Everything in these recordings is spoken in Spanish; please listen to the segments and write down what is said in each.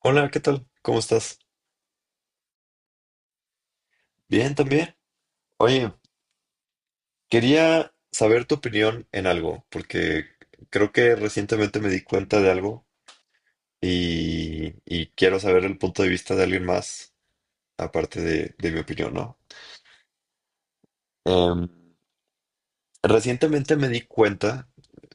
Hola, ¿qué tal? ¿Cómo estás? Bien, también. Oye, quería saber tu opinión en algo, porque creo que recientemente me di cuenta de algo y quiero saber el punto de vista de alguien más, aparte de mi opinión, ¿no? Em, Recientemente me di cuenta,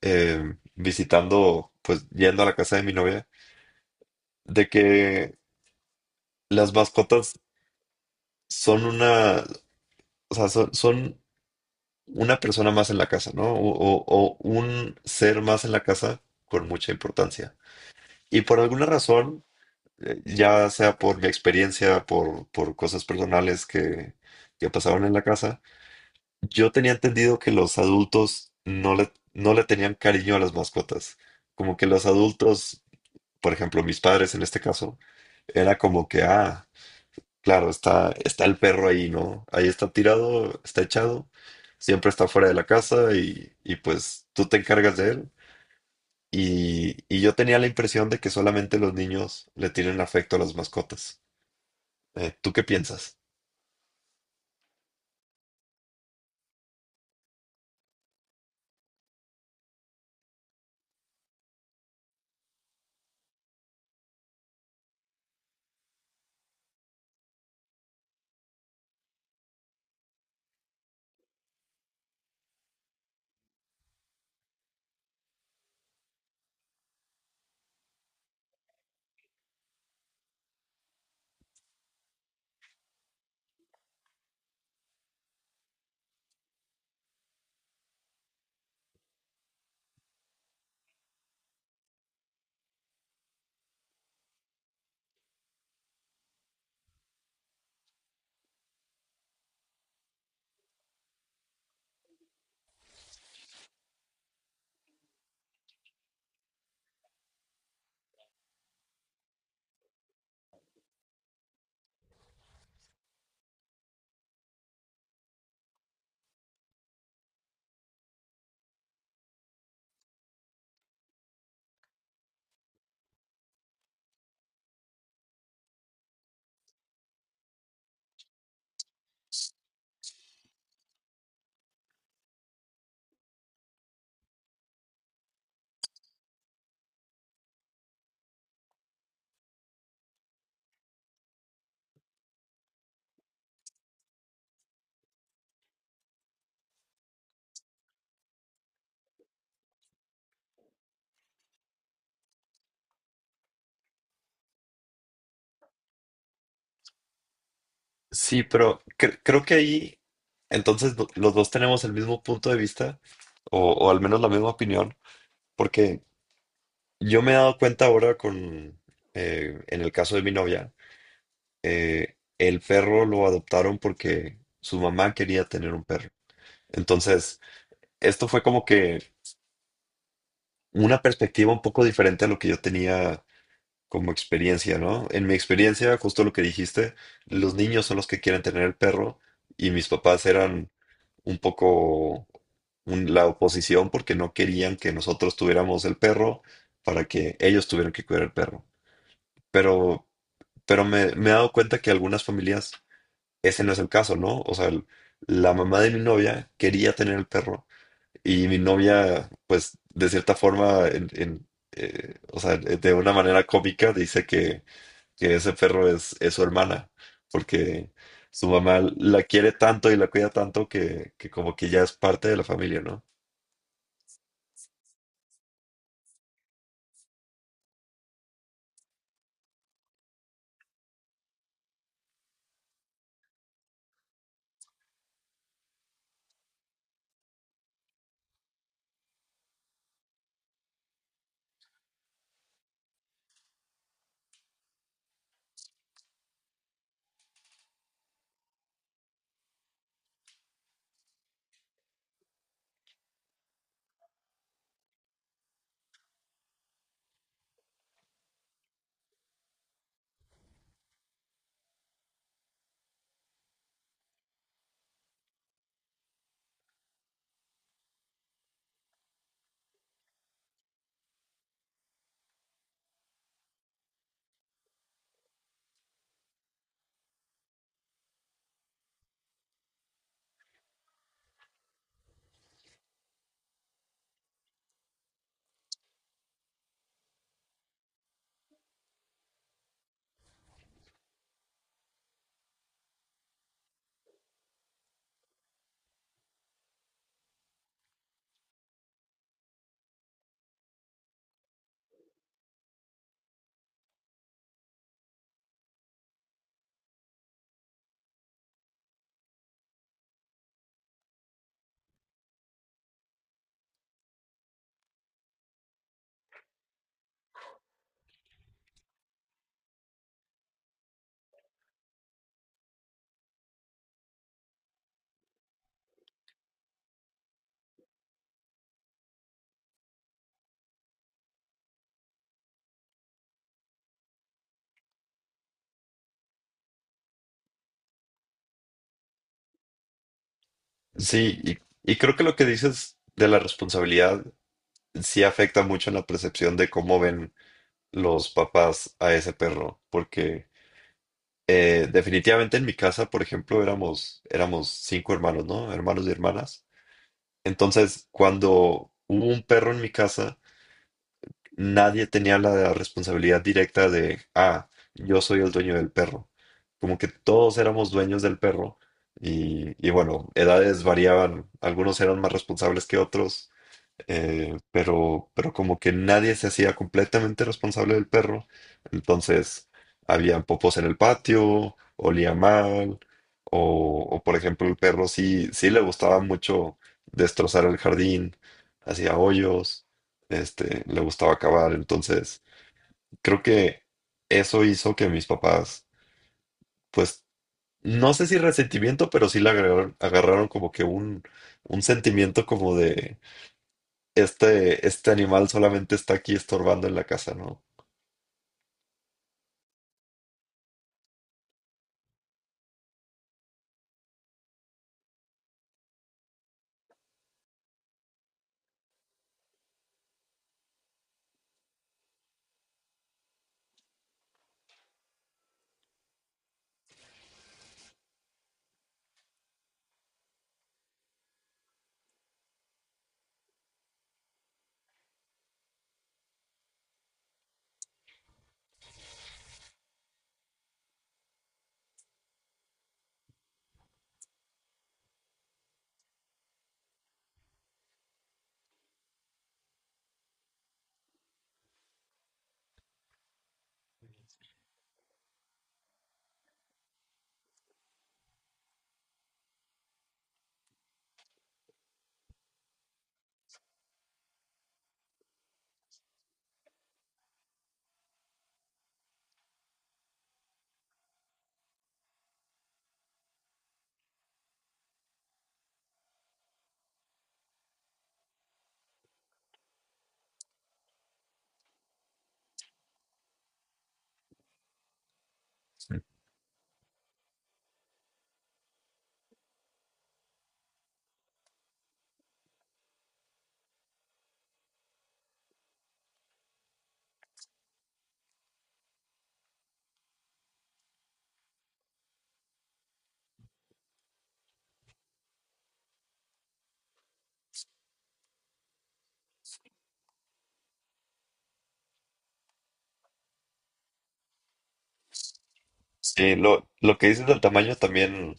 visitando, pues yendo a la casa de mi novia, de que las mascotas son una, o sea, son una persona más en la casa, ¿no? O un ser más en la casa con mucha importancia. Y por alguna razón, ya sea por mi experiencia, por cosas personales que pasaron en la casa, yo tenía entendido que los adultos no le tenían cariño a las mascotas. Como que los adultos, por ejemplo, mis padres en este caso, era como que, ah, claro, está el perro ahí, ¿no? Ahí está tirado, está echado, siempre está fuera de la casa y pues tú te encargas de él. Y yo tenía la impresión de que solamente los niños le tienen afecto a las mascotas. ¿Tú qué piensas? Sí, pero creo que ahí entonces los dos tenemos el mismo punto de vista o al menos la misma opinión, porque yo me he dado cuenta ahora con, en el caso de mi novia, el perro lo adoptaron porque su mamá quería tener un perro. Entonces, esto fue como que una perspectiva un poco diferente a lo que yo tenía como experiencia, ¿no? En mi experiencia, justo lo que dijiste, los niños son los que quieren tener el perro y mis papás eran un poco la oposición porque no querían que nosotros tuviéramos el perro para que ellos tuvieran que cuidar el perro. Pero, pero me he dado cuenta que algunas familias ese no es el caso, ¿no? O sea, la mamá de mi novia quería tener el perro y mi novia, pues, de cierta forma, o sea, de una manera cómica, dice que ese perro es su hermana, porque su mamá la quiere tanto y la cuida tanto que como que ya es parte de la familia, ¿no? Sí, y creo que lo que dices de la responsabilidad sí afecta mucho en la percepción de cómo ven los papás a ese perro, porque... definitivamente en mi casa, por ejemplo, éramos cinco hermanos, ¿no? Hermanos y hermanas. Entonces, cuando hubo un perro en mi casa, nadie tenía la responsabilidad directa de, ah, yo soy el dueño del perro. Como que todos éramos dueños del perro y bueno, edades variaban. Algunos eran más responsables que otros, pero como que nadie se hacía completamente responsable del perro, entonces había popos en el patio, olía mal, por ejemplo el perro sí, sí le gustaba mucho destrozar el jardín, hacía hoyos, este, le gustaba cavar, entonces creo que eso hizo que mis papás, pues no sé si resentimiento, pero sí le agarraron como que un sentimiento como de este, este animal solamente está aquí estorbando en la casa, ¿no? Sí, sí, lo que dices del tamaño también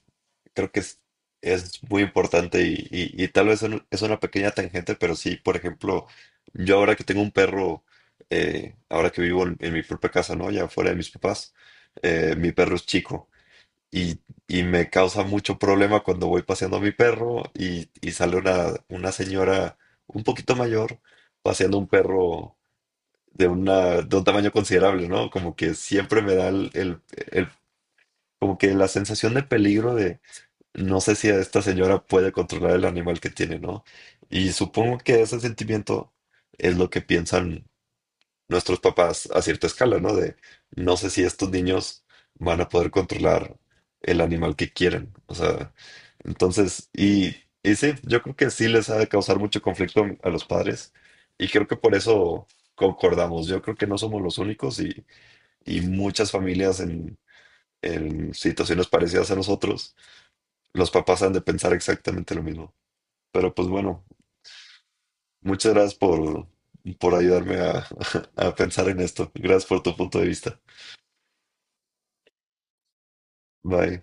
creo que es muy importante y tal vez es una pequeña tangente, pero sí, por ejemplo, yo ahora que tengo un perro, ahora que vivo en mi propia casa, ¿no? Ya fuera de mis papás, mi perro es chico y, y me causa mucho problema cuando voy paseando a mi perro y sale una señora un poquito mayor paseando un perro de una, de un tamaño considerable, ¿no? Como que siempre me da el- como que la sensación de peligro de no sé si esta señora puede controlar el animal que tiene, ¿no? Y supongo que ese sentimiento es lo que piensan nuestros papás a cierta escala, ¿no? De no sé si estos niños van a poder controlar el animal que quieren. O sea, entonces, y sí, yo creo que sí les ha de causar mucho conflicto a los padres y creo que por eso concordamos. Yo creo que no somos los únicos y muchas familias en situaciones parecidas a nosotros, los papás han de pensar exactamente lo mismo. Pero pues bueno, muchas gracias por ayudarme a a pensar en esto. Gracias por tu punto de vista. Bye.